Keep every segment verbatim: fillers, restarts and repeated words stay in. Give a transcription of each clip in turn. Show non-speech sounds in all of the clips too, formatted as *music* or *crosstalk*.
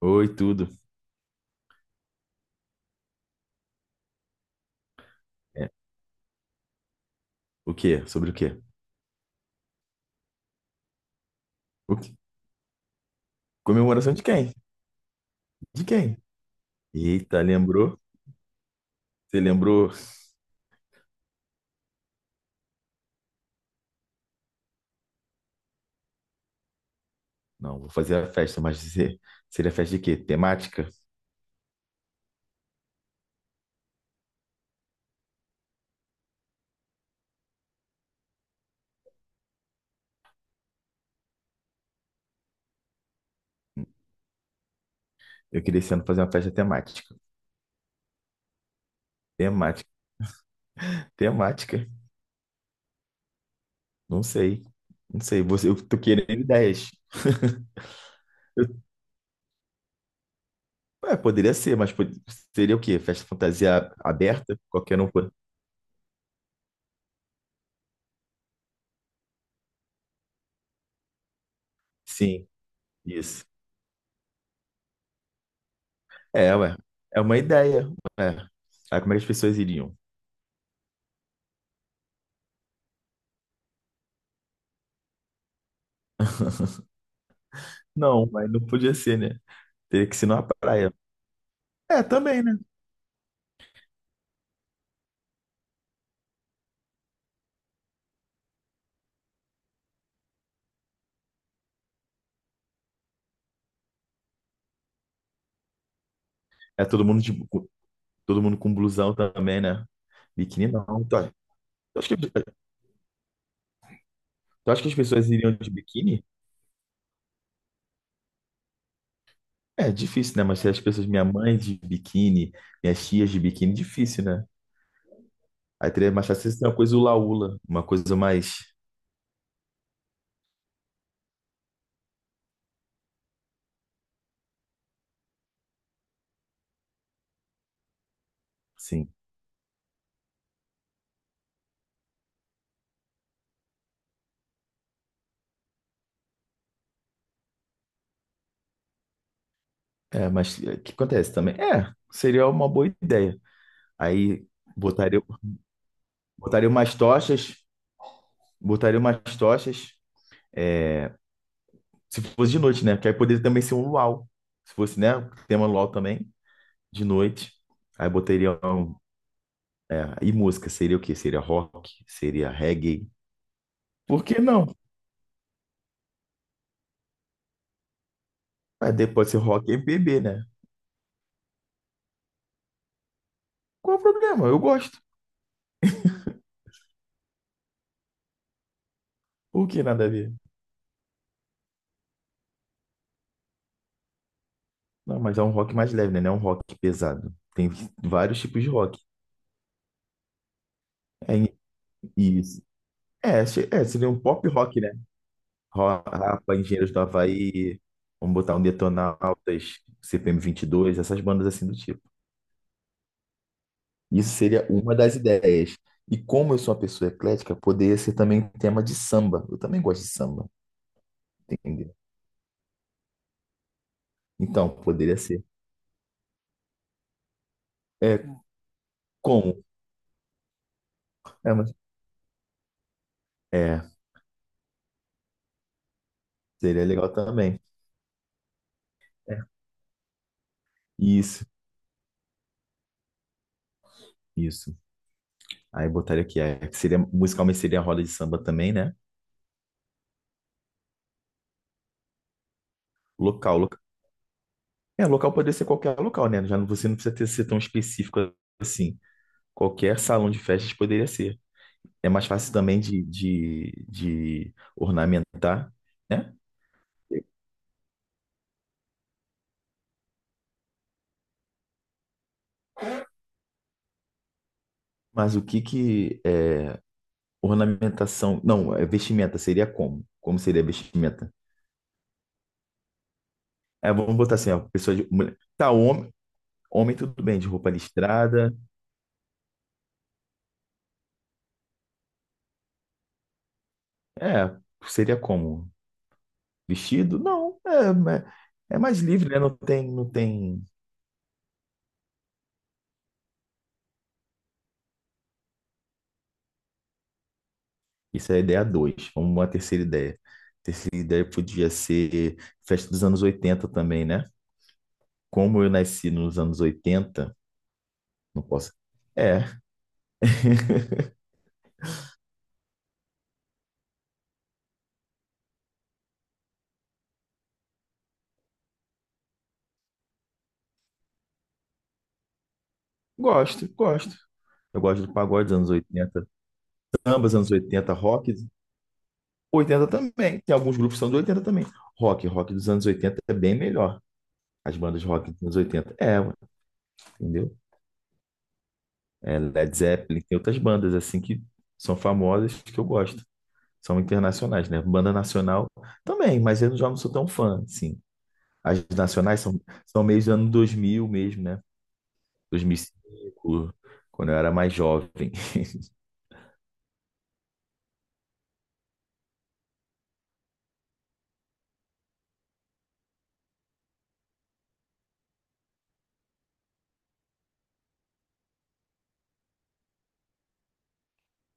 Oi, tudo. É. O quê? Sobre o quê? O quê? Comemoração de quem? De quem? Eita, lembrou? Você lembrou? Não, vou fazer a festa, mas você- seria festa de quê? Temática? Eu queria esse ano fazer uma festa temática. Temática. Temática? Não sei. Não sei. Você, eu tô querendo ideias. *laughs* Eu- é, poderia ser, mas pod- seria o quê? Festa fantasia aberta? Qualquer um pode. Sim, isso. É, ué. É uma ideia. Ué. Aí como é que as pessoas iriam? Não, mas não podia ser, né? Teria que ser numa praia. É, também, né? É todo mundo de, com- todo mundo com blusão também, né? Biquíni não. Tu acha, tu acha que, tu acha que as pessoas iriam de biquíni? É difícil, né? Mas se as pessoas, minha mãe de biquíni, minhas tias de biquíni, difícil, né? Aí teria mais fácil ser uma coisa hula-hula, uma coisa mais, sim. É, mas é, o que acontece também? É, seria uma boa ideia. Aí botaria, botaria umas tochas, botaria umas tochas Se fosse de noite, né? Porque aí poderia também ser um luau. Se fosse, né? Tema luau também, de noite. Aí botaria um, é, E música, seria o quê? Seria rock? Seria reggae? Por que não? Aí depois pode ser rock e M P B, né? Qual é o problema? Eu gosto. Por que nada a ver? Não, mas é um rock mais leve, né? Não é um rock pesado. Tem vários tipos de rock. É, e- isso. É, se- é, seria um pop rock, né? Ro- Rapa, Engenheiros do Havaí, vamos botar um Detonautas, C P M dois, essas bandas assim do tipo. Isso seria uma das ideias. E como eu sou uma pessoa eclética, poderia ser também tema de samba. Eu também gosto de samba, entendeu? Então, poderia ser. É, como? É, mas- é, seria legal também. É. Isso, isso. Aí botaria aqui, é, que seria, musicalmente seria a roda de samba também, né? Local, local. É, local poderia ser qualquer local, né? Já não, você não precisa ter, ser tão específico assim. Qualquer salão de festas poderia ser. É mais fácil também de, de, de ornamentar, né? Mas o que que é ornamentação? Não, é vestimenta seria como? Como seria vestimenta? É, vamos botar assim, ó, pessoa de mulher. Tá, homem, homem tudo bem, de roupa listrada. É, seria como? Vestido? Não, é, ma- é mais livre, né? Não tem, não tem. Isso é a ideia dois. Vamos uma terceira ideia. Terceira ideia podia ser festa dos anos oitenta também, né? Como eu nasci nos anos oitenta não posso. É, *laughs* gosto, gosto. Eu gosto do pagode dos anos oitenta. Samba, dos anos oitenta rock, oitenta também. Tem alguns grupos que são de oitenta também. Rock, rock dos anos oitenta é bem melhor. As bandas rock dos anos oitenta. É, ué, entendeu? É Led Zeppelin, tem outras bandas assim que são famosas que eu gosto. São internacionais, né? Banda nacional também, mas eu já não sou tão fã, assim. As nacionais são, são meio do ano dois mil mesmo, né? Dois mil e cinco quando eu era mais jovem. *laughs*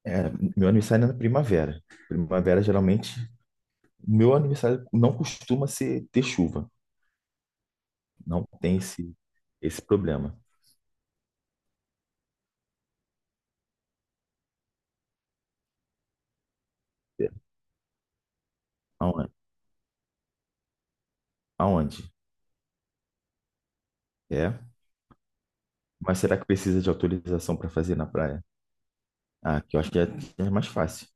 É, meu aniversário é na primavera. Primavera geralmente Meu aniversário não costuma ser, ter chuva. Não tem esse, esse problema. É. Aon- Aonde? É. Mas será que precisa de autorização para fazer na praia? Ah, que eu acho que é, é mais fácil.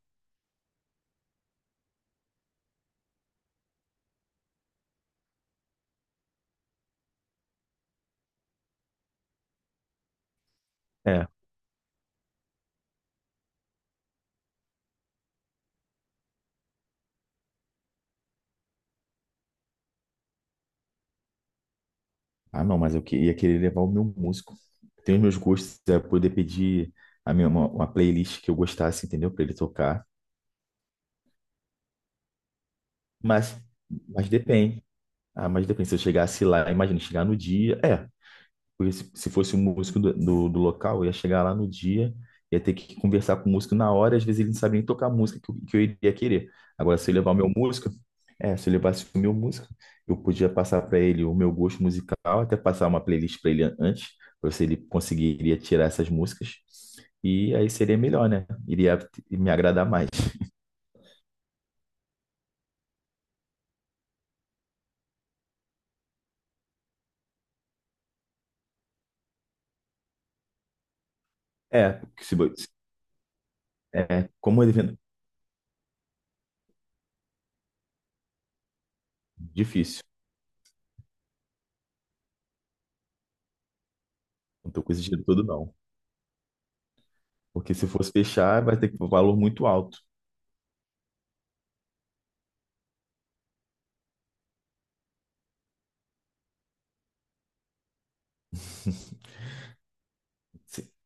É. Ah, não, mas eu que- ia querer levar o meu músico. Tem os meus gostos, é poder pedir a minha, uma, uma playlist que eu gostasse, entendeu? Para ele tocar. Mas, mas depende. Ah, mas depende. Se eu chegasse lá, imagina chegar no dia. É. Porque se se fosse um músico do, do, do local, eu ia chegar lá no dia, ia ter que conversar com o músico na hora, e às vezes ele não sabia nem tocar a música que eu, que eu iria querer. Agora, se eu levar o meu músico, é, Se eu levasse o meu músico, eu podia passar para ele o meu gosto musical, até passar uma playlist para ele antes, para ver se ele conseguiria tirar essas músicas. E aí seria melhor, né? Iria me agradar mais. É, porque se, bo- é como é evento difícil, não estou com esse dinheiro todo, não. Porque se fosse fechar, vai ter que um valor muito alto. *laughs*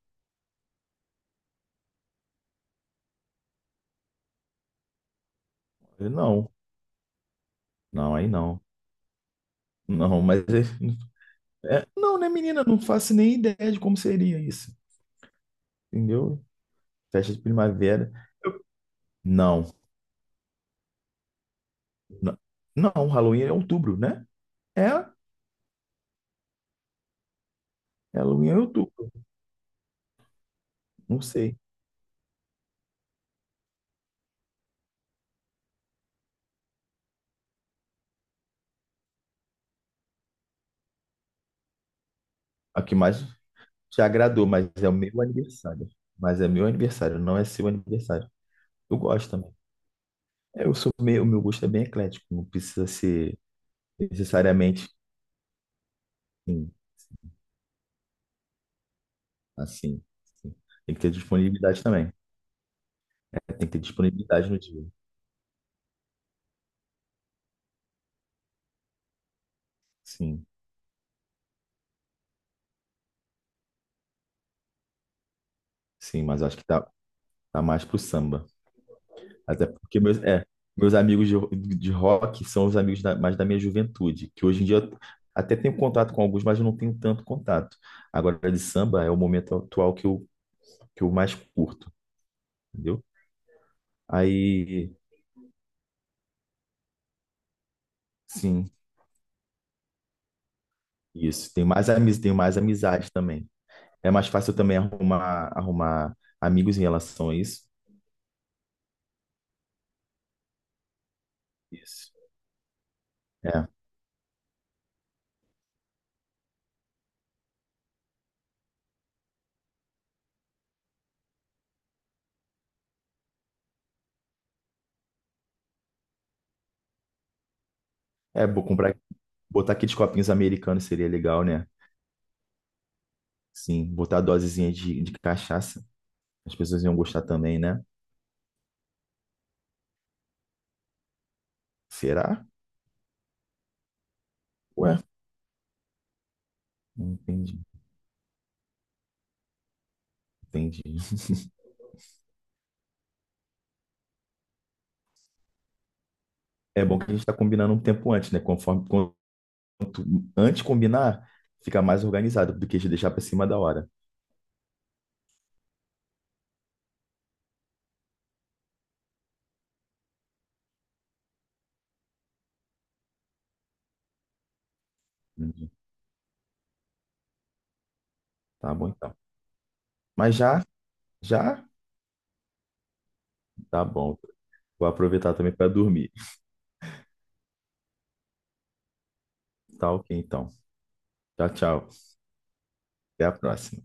Ele, Não, não, aí não. Não, mas é, é- não, né, menina? Não faço nem ideia de como seria isso. Entendeu? Festa de primavera. Não, não, não, Halloween é outubro, né? É, Halloween é outubro. Não sei. A que mais te agradou, mas é o meu aniversário. Mas é meu aniversário, não é seu aniversário. Eu gosto também. É, eu sou meio, o meu gosto é bem eclético, não precisa ser necessariamente assim. Assim, assim. Tem que ter disponibilidade também. Tem que ter disponibilidade no dia. Sim. Sim, mas eu acho que tá, tá mais pro samba. Até porque meus, é, meus amigos de, de rock são os amigos da- mais da minha juventude, que hoje em dia eu até tenho contato com alguns, mas eu não tenho tanto contato. Agora, de samba é o momento atual que eu, que eu mais curto, entendeu? Aí, sim, isso. Tenho mais, amiz, tenho mais amizade também. É mais fácil também arrumar, arrumar amigos em relação a isso. Isso. É, é bom comprar, botar aqueles copinhos americanos seria legal, né? Sim, botar a dosezinha de, de cachaça. As pessoas iam gostar também, né? Será? Ué, não entendi, entendi. É bom que a gente está combinando um tempo antes, né? Conforme quanto antes combinar, fica mais organizado do que a gente deixar para cima da hora. Entendi. Tá bom então. Mas já, já, tá bom. Vou aproveitar também para dormir. Tá ok então. Tchau, tchau. Até a próxima.